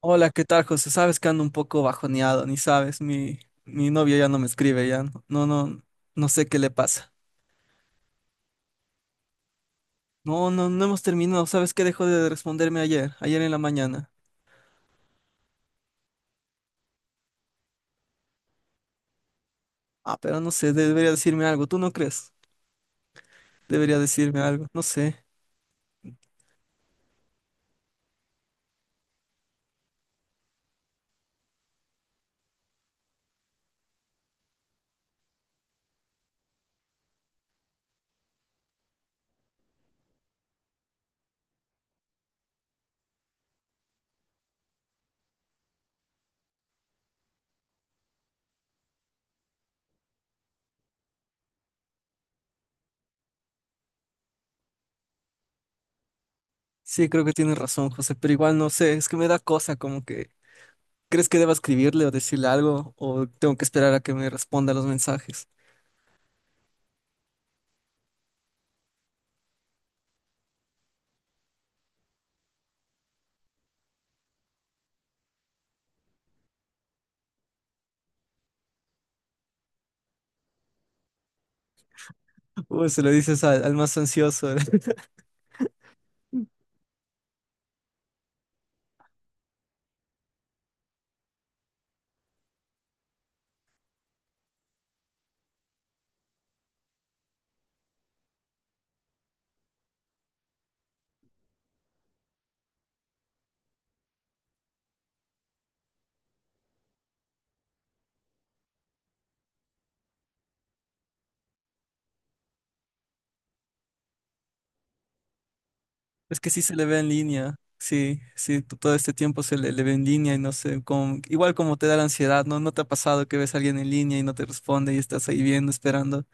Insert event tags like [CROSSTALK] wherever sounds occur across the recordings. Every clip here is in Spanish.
Hola, ¿qué tal, José? Sabes que ando un poco bajoneado, ni sabes, mi novia ya no me escribe, ya no, no, no, no sé qué le pasa. No, no, no hemos terminado. ¿Sabes qué? Dejó de responderme ayer, ayer en la mañana. Ah, pero no sé, debería decirme algo, ¿tú no crees? Debería decirme algo, no sé. Sí, creo que tienes razón, José, pero igual no sé, es que me da cosa, como que, ¿crees que deba escribirle o decirle algo? ¿O tengo que esperar a que me responda los mensajes? Uy, se lo dices al más ansioso. [LAUGHS] Es que sí se le ve en línea, sí, sí, todo este tiempo se le, le ve en línea y no sé, igual como te da la ansiedad, ¿no? ¿No te ha pasado que ves a alguien en línea y no te responde y estás ahí viendo, esperando?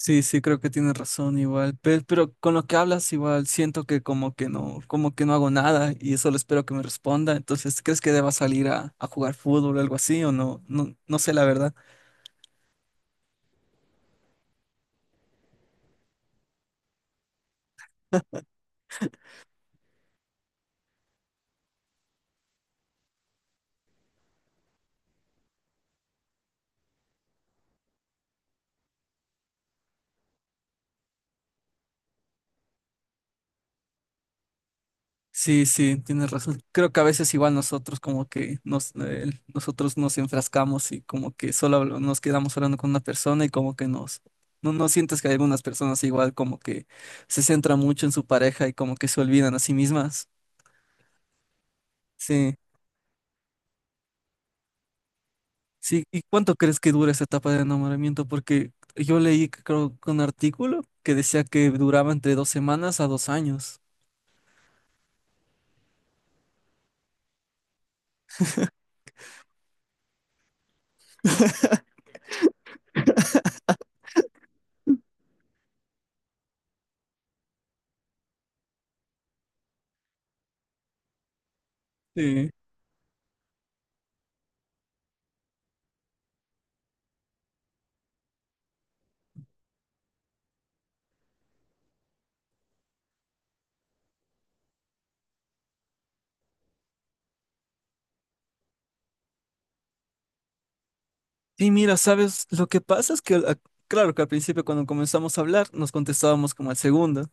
Sí, sí, creo que tienes razón igual, pero con lo que hablas igual siento que como que no hago nada y solo espero que me responda. Entonces, ¿crees que deba salir a jugar fútbol o algo así o no? No, no sé la verdad. Sí, sí, tienes razón. Creo que a veces igual nosotros como que nosotros nos enfrascamos y como que nos quedamos hablando con una persona y como que no, no sientes que hay algunas personas igual como que se centran mucho en su pareja y como que se olvidan a sí mismas. Sí, sí. ¿Y cuánto crees que dura esa etapa de enamoramiento? Porque yo leí creo un artículo que decía que duraba entre dos semanas a dos años. Sí. Sí, mira, ¿sabes? Lo que pasa es que, ah, claro que al principio cuando comenzamos a hablar nos contestábamos como al segundo,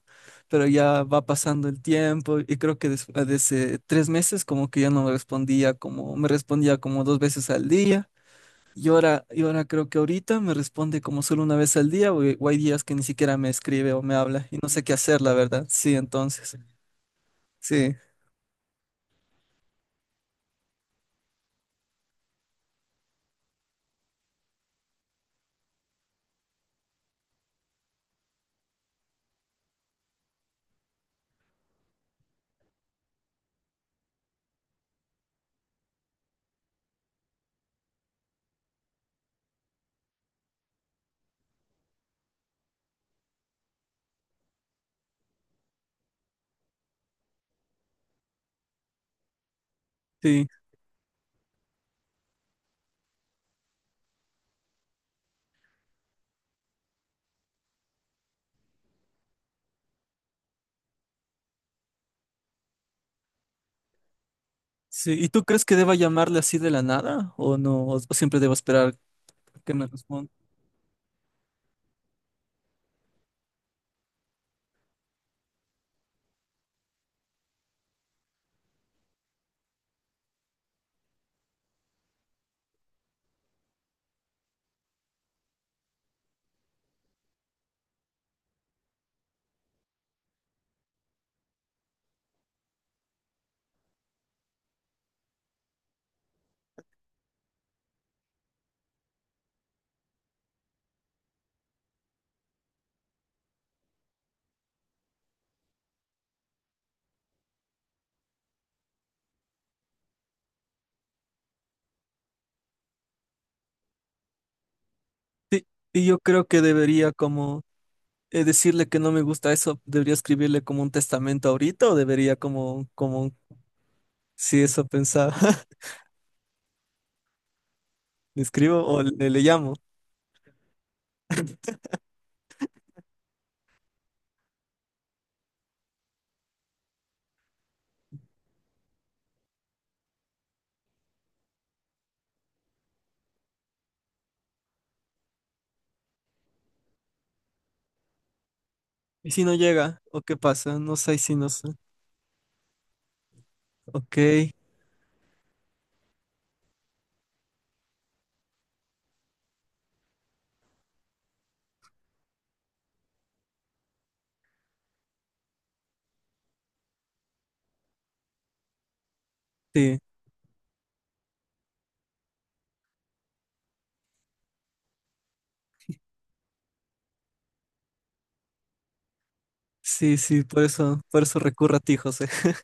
pero ya va pasando el tiempo y creo que desde tres meses como que ya no me respondía me respondía como dos veces al día y ahora creo que ahorita me responde como solo una vez al día o hay días que ni siquiera me escribe o me habla y no sé qué hacer, la verdad. Sí, entonces, sí, sí, sí. ¿Y tú crees que deba llamarle así de la nada o no? ¿O siempre debo esperar que me responda? Sí, y yo creo que debería como decirle que no me gusta eso, debería escribirle como un testamento ahorita o debería si eso pensaba, [LAUGHS] le escribo o le llamo. ¿Y si no llega? ¿O qué pasa? No sé, si no sé. Ok, sí, sí, sí, por eso recurro a ti, José. [LAUGHS]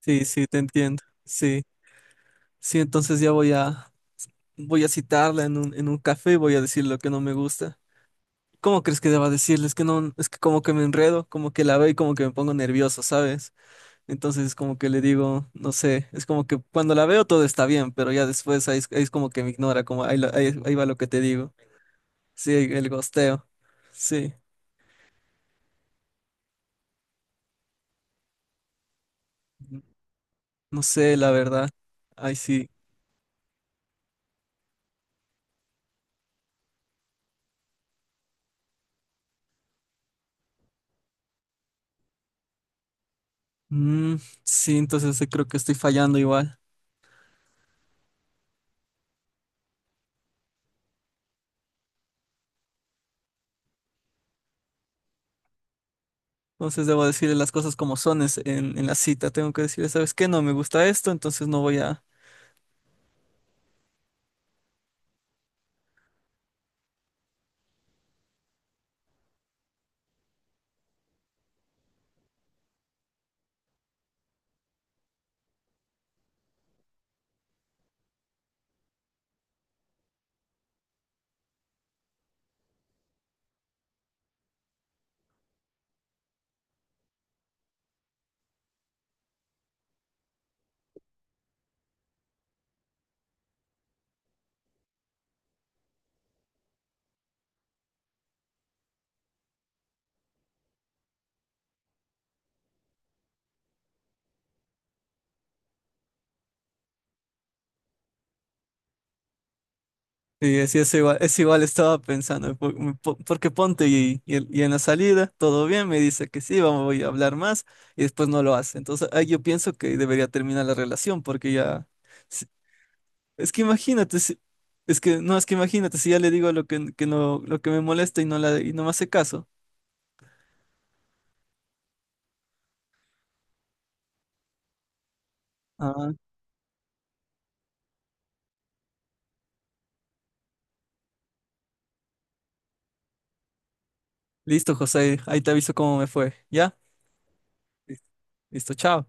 Sí, sí, te entiendo. Sí, sí, entonces ya voy a citarla en un café y voy a decir lo que no me gusta. ¿Cómo crees que deba decirle? Es que no, es que como que me enredo, como que la veo y como que me pongo nervioso, ¿sabes? Entonces es como que le digo, no sé, es como que cuando la veo todo está bien, pero ya después ahí es como que me ignora, como ahí va lo que te digo. Sí, el gosteo. Sí, no sé, la verdad. Ay, sí. Mm, sí, entonces creo que estoy fallando igual. Entonces debo decirle las cosas como son en la cita. Tengo que decirle, ¿sabes qué? No me gusta esto, entonces no voy a, sí, es igual estaba pensando, porque ponte y en la salida todo bien, me dice que sí, vamos, voy a hablar más y después no lo hace. Entonces ahí yo pienso que debería terminar la relación porque ya, si- es que imagínate, es que imagínate si ya le digo lo que no, lo que me molesta y no me hace caso. Ah, listo, José, ahí te aviso cómo me fue. ¿Ya? Listo, chao.